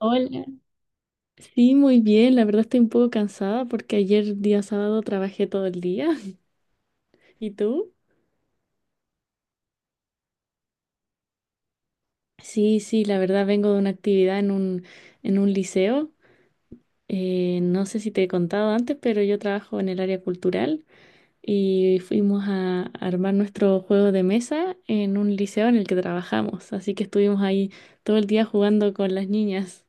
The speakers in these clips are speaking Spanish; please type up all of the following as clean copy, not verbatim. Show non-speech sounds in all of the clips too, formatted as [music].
Hola. Sí, muy bien. La verdad estoy un poco cansada porque ayer día sábado trabajé todo el día. [laughs] ¿Y tú? Sí, sí, la verdad vengo de una actividad en un liceo. No sé si te he contado antes, pero yo trabajo en el área cultural y fuimos a armar nuestro juego de mesa en un liceo en el que trabajamos. Así que estuvimos ahí todo el día jugando con las niñas.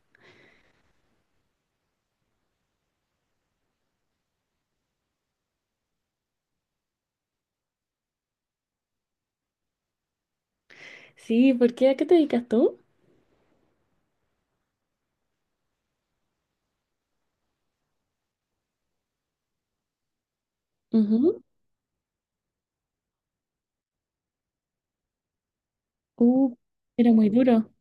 Sí, ¿por qué? ¿A qué te dedicas tú? Ujú. Uh, Era muy duro.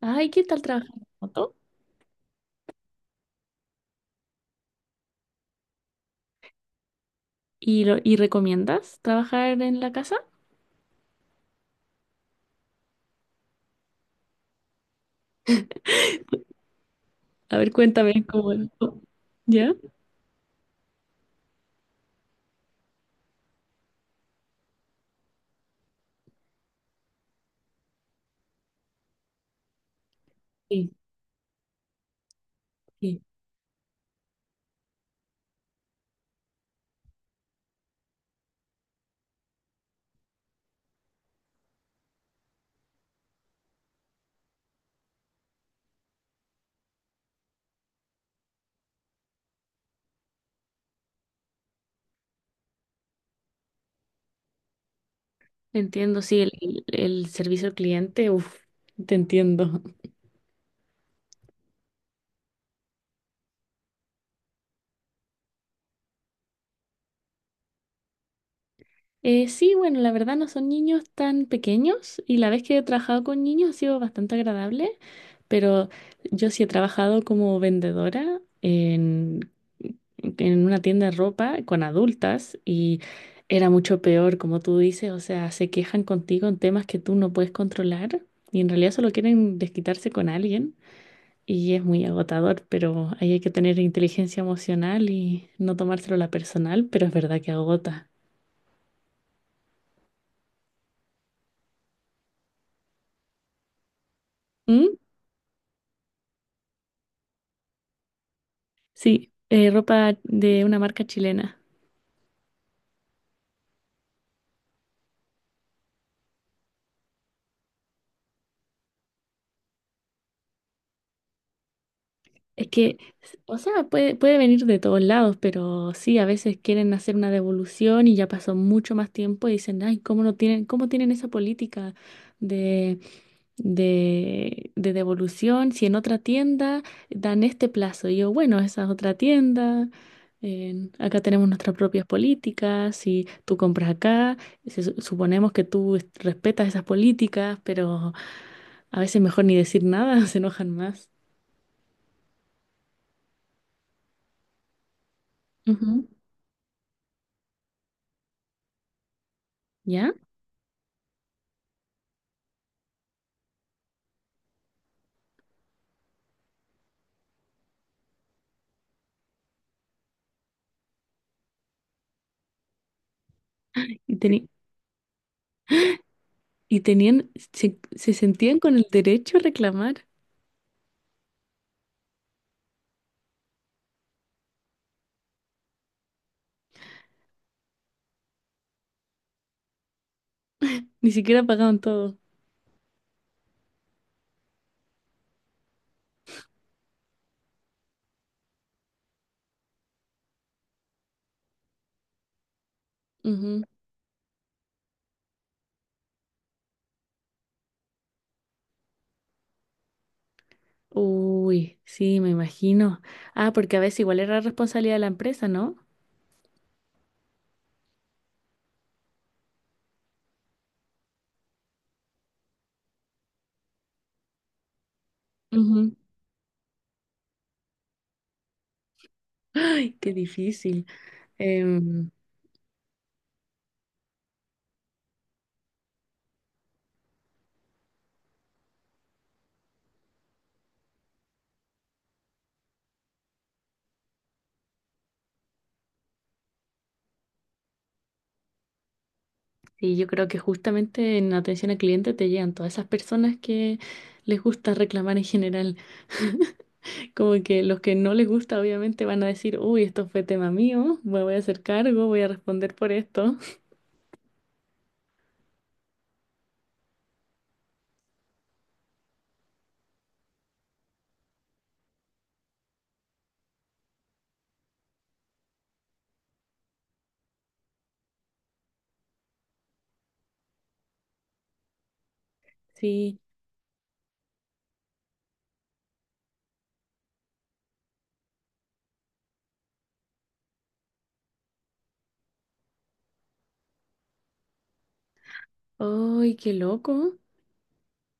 Ay, ¿qué tal trabajar remoto? ¿Y, y recomiendas trabajar en la casa? A ver, cuéntame cómo. cómo- ¿Ya? Sí, sí. Entiendo, sí, el servicio al cliente, uff, te entiendo. Sí, bueno, la verdad no son niños tan pequeños y la vez que he trabajado con niños ha sido bastante agradable, pero yo sí he trabajado como vendedora en una tienda de ropa con adultas y era mucho peor, como tú dices, o sea, se quejan contigo en temas que tú no puedes controlar y en realidad solo quieren desquitarse con alguien y es muy agotador, pero ahí hay que tener inteligencia emocional y no tomárselo a la personal, pero es verdad que agota. ¿Mm? Sí, ropa de una marca chilena. Es que, o sea, puede venir de todos lados, pero sí, a veces quieren hacer una devolución y ya pasó mucho más tiempo y dicen, ay, ¿cómo no tienen, cómo tienen esa política de, de devolución si en otra tienda dan este plazo? Y yo, bueno, esa es otra tienda, en- acá tenemos nuestras propias políticas, si tú compras acá, se su- suponemos que tú est- respetas esas políticas, pero a veces mejor ni decir nada, [laughs] se enojan más. Ujú. ¿Ya? Y, teni- y tenían, se sentían con el derecho a reclamar. Ni siquiera pagaban todo. Ujú. Uy, sí, me imagino. Ah, porque a veces igual era responsabilidad de la empresa, ¿no? Ujú. Ay, qué difícil. Em, sí, yo creo que justamente en atención al cliente te llegan todas esas personas que les gusta reclamar en general. Como que los que no les gusta, obviamente, van a decir, uy, esto fue tema mío, me voy a hacer cargo, voy a responder por esto. [laughs] Sí. ¡Ay, qué loco!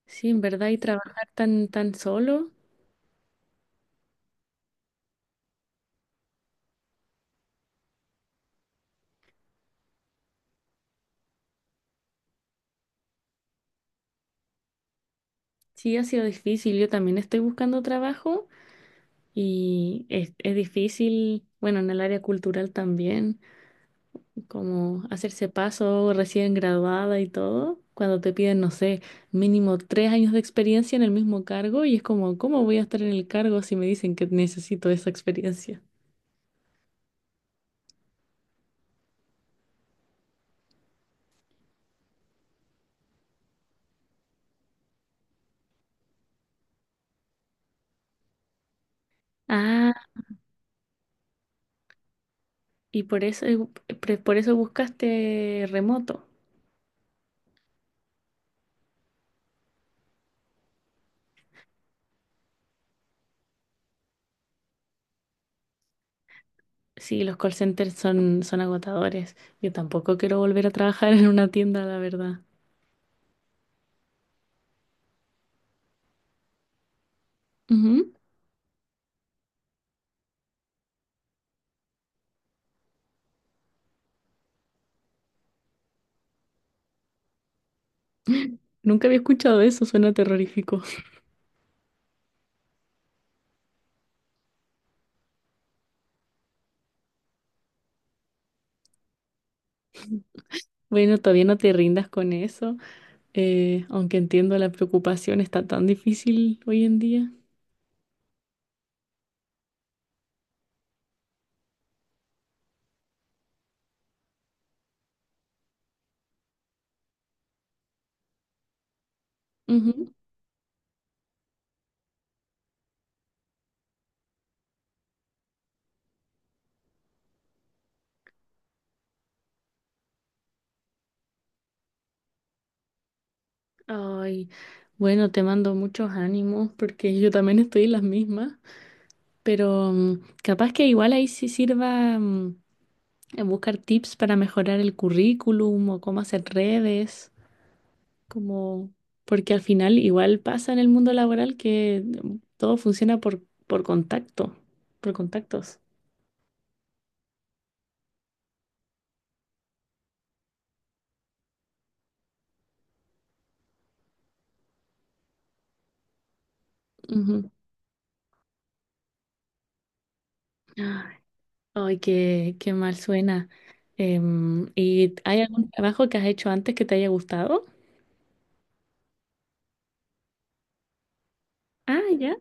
Sí, en verdad, y trabajar tan solo, sí ha sido difícil. Yo también estoy buscando trabajo y es difícil, bueno, en el área cultural también, como hacerse paso recién graduada y todo, cuando te piden, no sé, mínimo 3 años de experiencia en el mismo cargo y es como, ¿cómo voy a estar en el cargo si me dicen que necesito esa experiencia? Ah, y por eso, por eso buscaste remoto. Sí, los call centers son agotadores. Yo tampoco quiero volver a trabajar en una tienda, la verdad. Ujú. Nunca había escuchado eso, suena terrorífico. [laughs] Bueno, todavía no te rindas con eso, aunque entiendo la preocupación, está tan difícil hoy en día. Ujú. Ay, bueno, te mando muchos ánimos porque yo también estoy en las mismas, pero capaz que igual ahí sí sirva, buscar tips para mejorar el currículum o cómo hacer redes, como porque al final igual pasa en el mundo laboral que, todo funciona por contacto, por contactos. Ujú. Ay, qué, qué mal suena. ¿Y hay algún trabajo que has hecho antes que te haya gustado? Ah, ya.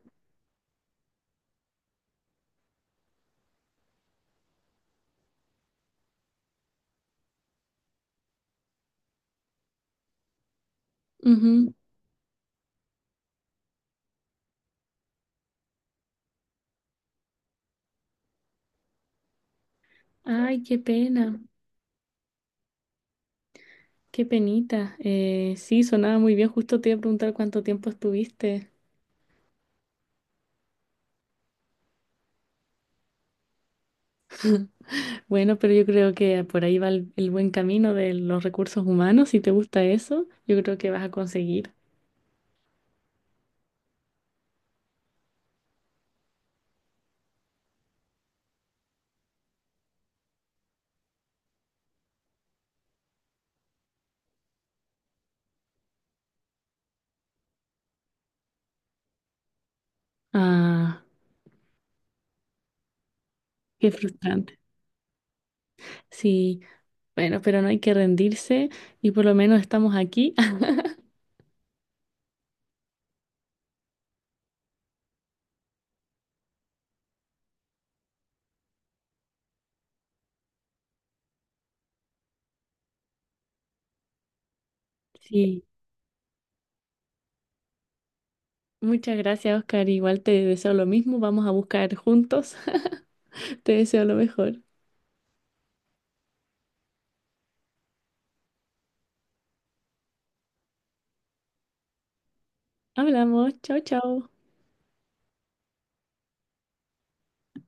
Ujú. Ay, qué pena, qué penita. Sí, sonaba muy bien. Justo te iba a preguntar cuánto tiempo estuviste. Bueno, pero yo creo que por ahí va el buen camino de los recursos humanos. Si te gusta eso, yo creo que vas a conseguir. Ah, qué frustrante. Sí, bueno, pero no hay que rendirse y por lo menos estamos aquí. [laughs] Sí, muchas gracias, Oscar. Igual te deseo lo mismo. Vamos a buscar juntos. [laughs] Te deseo lo mejor. Hablamos. Chao, chao.